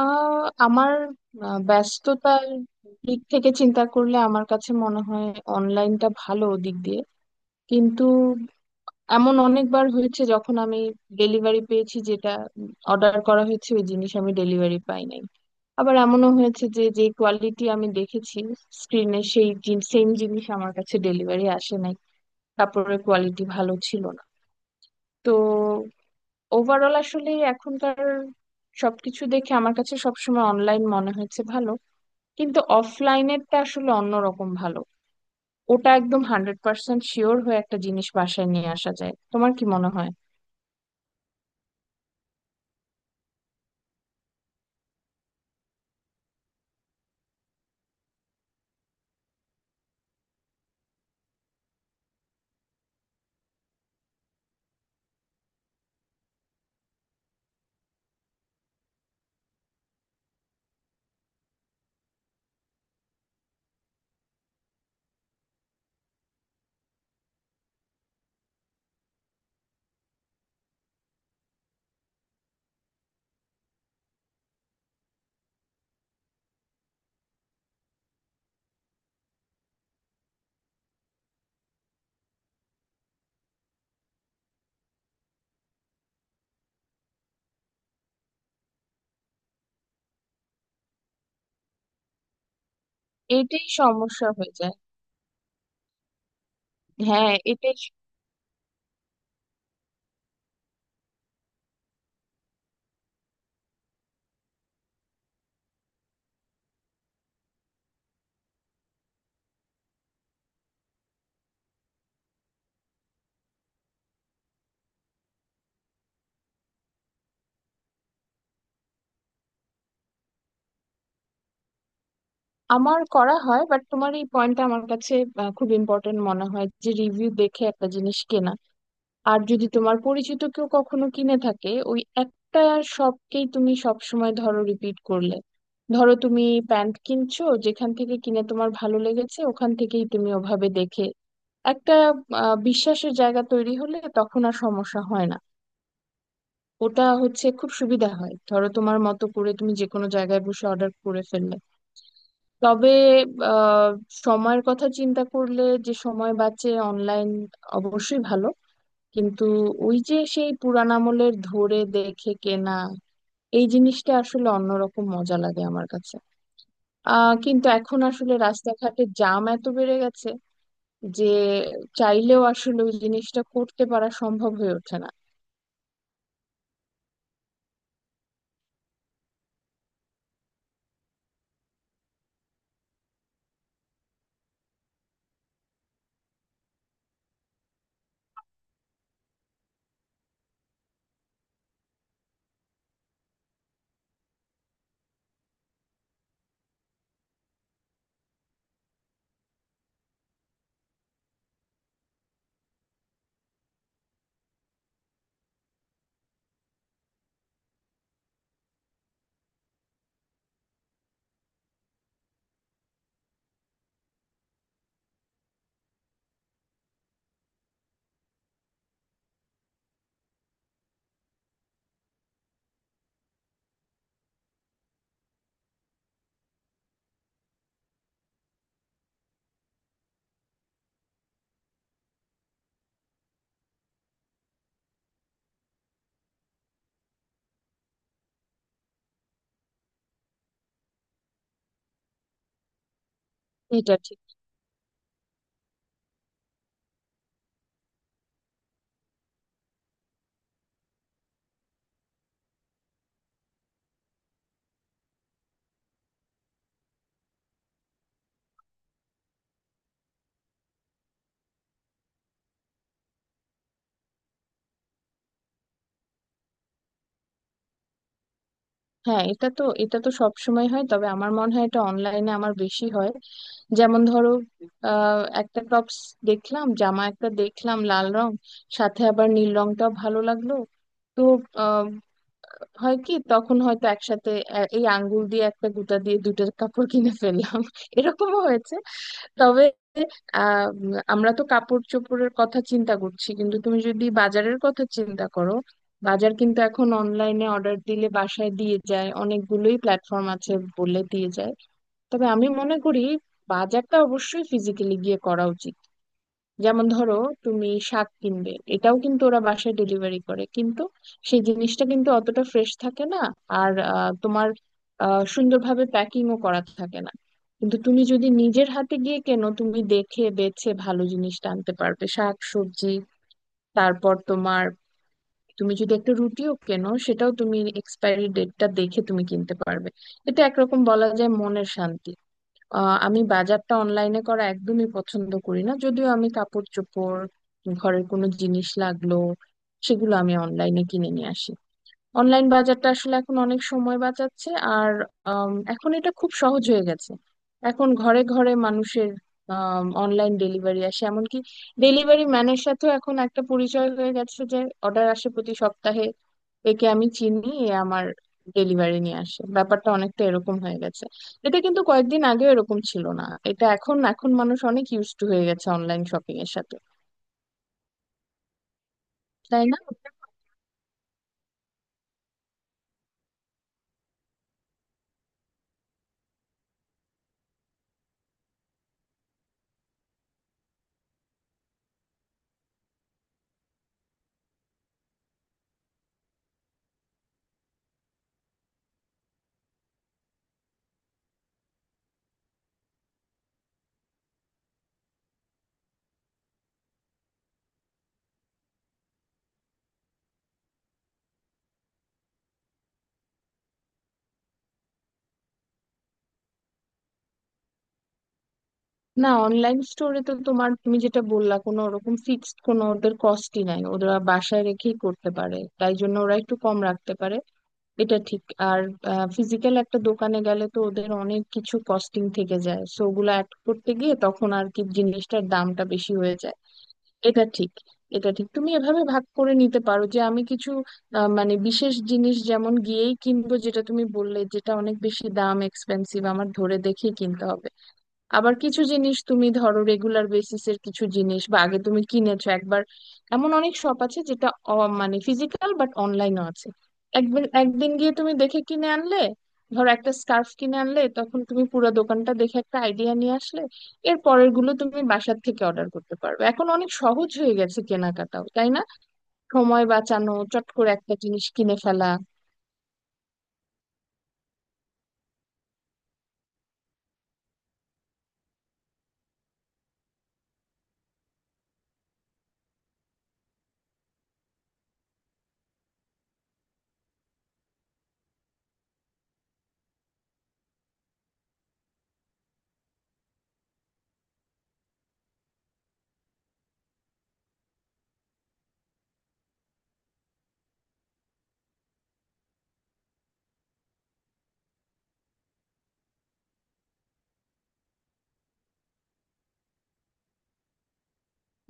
আমার ব্যস্ততার দিক থেকে চিন্তা করলে আমার কাছে মনে হয় অনলাইনটা ভালো দিক দিয়ে। কিন্তু এমন অনেকবার হয়েছে যখন আমি ডেলিভারি পেয়েছি, যেটা অর্ডার করা হয়েছে ওই জিনিস আমি ডেলিভারি পাই নাই। আবার এমনও হয়েছে যে যে কোয়ালিটি আমি দেখেছি স্ক্রিনে, সেই সেম জিনিস আমার কাছে ডেলিভারি আসে নাই, কাপড়ের কোয়ালিটি ভালো ছিল না। তো ওভারঅল আসলে এখনকার সবকিছু দেখে আমার কাছে সবসময় অনলাইন মনে হয়েছে ভালো, কিন্তু অফলাইনেরটা আসলে অন্যরকম ভালো। ওটা একদম হান্ড্রেড পার্সেন্ট শিওর হয়ে একটা জিনিস বাসায় নিয়ে আসা যায়। তোমার কি মনে হয়? এটাই সমস্যা হয়ে যায়। হ্যাঁ, আমার করা হয়, বাট তোমার এই পয়েন্টটা আমার কাছে খুব ইম্পর্টেন্ট মনে হয়, যে রিভিউ দেখে একটা জিনিস কেনা। আর যদি তোমার পরিচিত কেউ কখনো কিনে থাকে, ওই একটা শপকেই তুমি সব সময় ধরো রিপিট করলে। ধরো তুমি প্যান্ট কিনছো, যেখান থেকে কিনে তোমার ভালো লেগেছে ওখান থেকেই তুমি ওভাবে দেখে একটা বিশ্বাসের জায়গা তৈরি হলে তখন আর সমস্যা হয় না। ওটা হচ্ছে খুব সুবিধা হয়, ধরো তোমার মতো করে তুমি যে কোনো জায়গায় বসে অর্ডার করে ফেললে। তবে আহ, সময়ের কথা চিন্তা করলে, যে সময় বাঁচে, অনলাইন অবশ্যই ভালো। কিন্তু ওই যে সেই পুরান আমলের ধরে দেখে কেনা, এই জিনিসটা আসলে অন্যরকম মজা লাগে আমার কাছে। কিন্তু এখন আসলে রাস্তাঘাটে জ্যাম এত বেড়ে গেছে যে চাইলেও আসলে ওই জিনিসটা করতে পারা সম্ভব হয়ে ওঠে না। এটা ঠিক। হ্যাঁ, এটা তো সব সময় হয়, তবে আমার মনে হয় এটা অনলাইনে আমার বেশি হয়। যেমন ধরো, একটা টপস দেখলাম, জামা একটা দেখলাম লাল রং, সাথে আবার নীল রংটাও ভালো লাগলো। তো আহ, হয় কি, তখন হয়তো একসাথে এই আঙ্গুল দিয়ে একটা গুটা দিয়ে দুটো কাপড় কিনে ফেললাম এরকমও হয়েছে। তবে আমরা তো কাপড় চোপড়ের কথা চিন্তা করছি, কিন্তু তুমি যদি বাজারের কথা চিন্তা করো, বাজার কিন্তু এখন অনলাইনে অর্ডার দিলে বাসায় দিয়ে যায়, অনেকগুলোই প্ল্যাটফর্ম আছে, বলে দিয়ে যায়। তবে আমি মনে করি বাজারটা অবশ্যই ফিজিক্যালি গিয়ে করা উচিত। যেমন ধরো, তুমি শাক কিনবে, এটাও কিন্তু ওরা বাসায় ডেলিভারি করে, কিন্তু সেই জিনিসটা কিন্তু অতটা ফ্রেশ থাকে না। আর তোমার সুন্দরভাবে প্যাকিংও করা থাকে না। কিন্তু তুমি যদি নিজের হাতে গিয়ে কেনো, তুমি দেখে বেছে ভালো জিনিসটা আনতে পারবে, শাক সবজি। তারপর তোমার, তুমি যদি একটা রুটিও কেনো, সেটাও তুমি এক্সপায়ারি ডেটটা দেখে তুমি কিনতে পারবে। এটা একরকম বলা যায় মনের শান্তি। আমি বাজারটা অনলাইনে করা একদমই পছন্দ করি না, যদিও আমি কাপড় চোপড়, ঘরের কোনো জিনিস লাগলো, সেগুলো আমি অনলাইনে কিনে নিয়ে আসি। অনলাইন বাজারটা আসলে এখন অনেক সময় বাঁচাচ্ছে। আর এখন এটা খুব সহজ হয়ে গেছে। এখন ঘরে ঘরে মানুষের অনলাইন ডেলিভারি আসে, এমনকি ডেলিভারি ম্যানের সাথেও এখন একটা পরিচয় হয়ে গেছে, যে অর্ডার আসে প্রতি সপ্তাহে, একে আমি চিনি, এ আমার ডেলিভারি নিয়ে আসে, ব্যাপারটা অনেকটা এরকম হয়ে গেছে। এটা কিন্তু কয়েকদিন আগে এরকম ছিল না। এটা এখন, মানুষ অনেক ইউজ টু হয়ে গেছে অনলাইন শপিং এর সাথে। তাই না? না, অনলাইন স্টোরে তো তোমার, তুমি যেটা বললা, কোনো ওরকম ফিক্সড কোনো ওদের কস্টই নাই, ওরা বাসায় রেখেই করতে পারে, তাই জন্য ওরা একটু কম রাখতে পারে। এটা ঠিক। আর ফিজিক্যাল একটা দোকানে গেলে তো ওদের অনেক কিছু কস্টিং থেকে যায়, সো ওগুলো অ্যাড করতে গিয়ে তখন আর কি জিনিসটার দামটা বেশি হয়ে যায়। এটা ঠিক। এটা ঠিক, তুমি এভাবে ভাগ করে নিতে পারো যে আমি কিছু মানে বিশেষ জিনিস যেমন গিয়েই কিনবো, যেটা তুমি বললে, যেটা অনেক বেশি দাম, এক্সপেন্সিভ, আমার ধরে দেখে কিনতে হবে। আবার কিছু জিনিস তুমি ধরো রেগুলার বেসিসের কিছু জিনিস, বা আগে তুমি কিনেছো একবার, এমন অনেক শপ আছে যেটা মানে ফিজিক্যাল বাট অনলাইনও আছে। একবার একদিন গিয়ে তুমি দেখে কিনে আনলে, ধরো একটা স্কার্ফ কিনে আনলে, তখন তুমি পুরো দোকানটা দেখে একটা আইডিয়া নিয়ে আসলে, এর পরের গুলো তুমি বাসার থেকে অর্ডার করতে পারবে। এখন অনেক সহজ হয়ে গেছে কেনাকাটাও, তাই না? সময় বাঁচানো, চট করে একটা জিনিস কিনে ফেলা।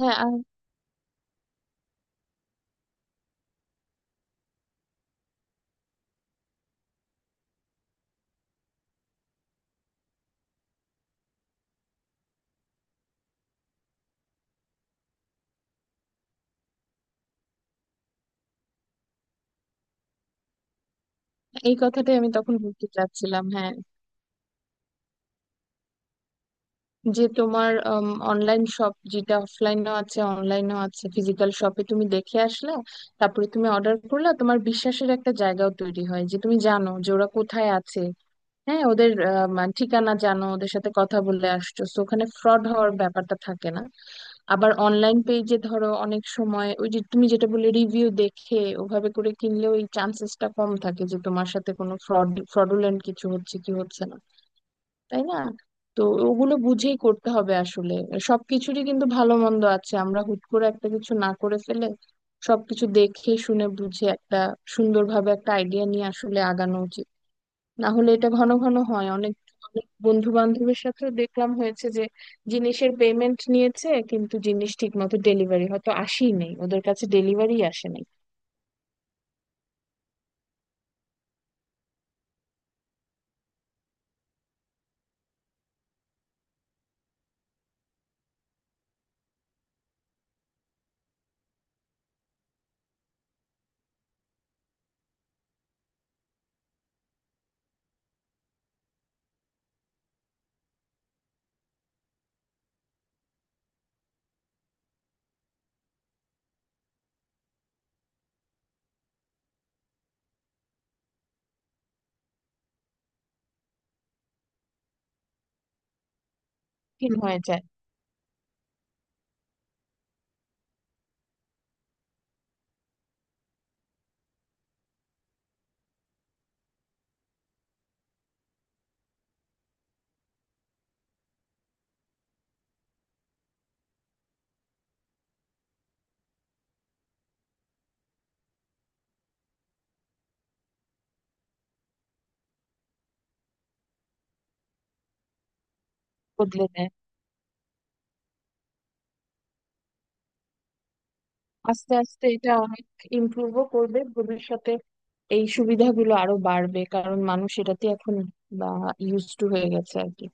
হ্যাঁ, আর এই কথাটাই আমি তখন বলতে চাচ্ছিলাম, হ্যাঁ, যে তোমার অনলাইন শপ যেটা অফলাইনও আছে অনলাইনও আছে, ফিজিক্যাল শপে তুমি দেখে আসলে, তারপরে তুমি অর্ডার করলে, তোমার বিশ্বাসের একটা জায়গাও তৈরি হয়, যে তুমি জানো যে ওরা কোথায় আছে। হ্যাঁ, ওদের ঠিকানা জানো, ওদের সাথে কথা বলে আসছো, তো ওখানে ফ্রড হওয়ার ব্যাপারটা থাকে না। আবার অনলাইন পেজে ধরো অনেক সময় ওই যে তুমি যেটা বলে রিভিউ দেখে ওভাবে করে কিনলে, ওই চান্সেসটা কম থাকে যে তোমার সাথে কোনো ফ্রড, ফ্রডুলেন্ট কিছু হচ্ছে কি হচ্ছে না। তাই না? তো ওগুলো বুঝেই করতে হবে আসলে। সবকিছুরই কিন্তু ভালো মন্দ আছে, আমরা হুট করে একটা কিছু না করে ফেলে, সবকিছু দেখে শুনে বুঝে একটা সুন্দরভাবে একটা আইডিয়া নিয়ে আসলে আগানো উচিত। না হলে এটা ঘন ঘন হয়, অনেক অনেক বন্ধু বান্ধবের সাথে দেখলাম হয়েছে যে জিনিসের পেমেন্ট নিয়েছে, কিন্তু জিনিস ঠিক মতো ডেলিভারি হয়তো আসেই নেই, ওদের কাছে ডেলিভারি আসে নাই। ঠিক হয়ে যায়। বদলে দেয়। আস্তে আস্তে এটা অনেক ইমপ্রুভও করবে ভবিষ্যতে। এই সুবিধাগুলো আরো বাড়বে, কারণ মানুষ এটাতে এখন ইউজ টু হয়ে গেছে আর কি।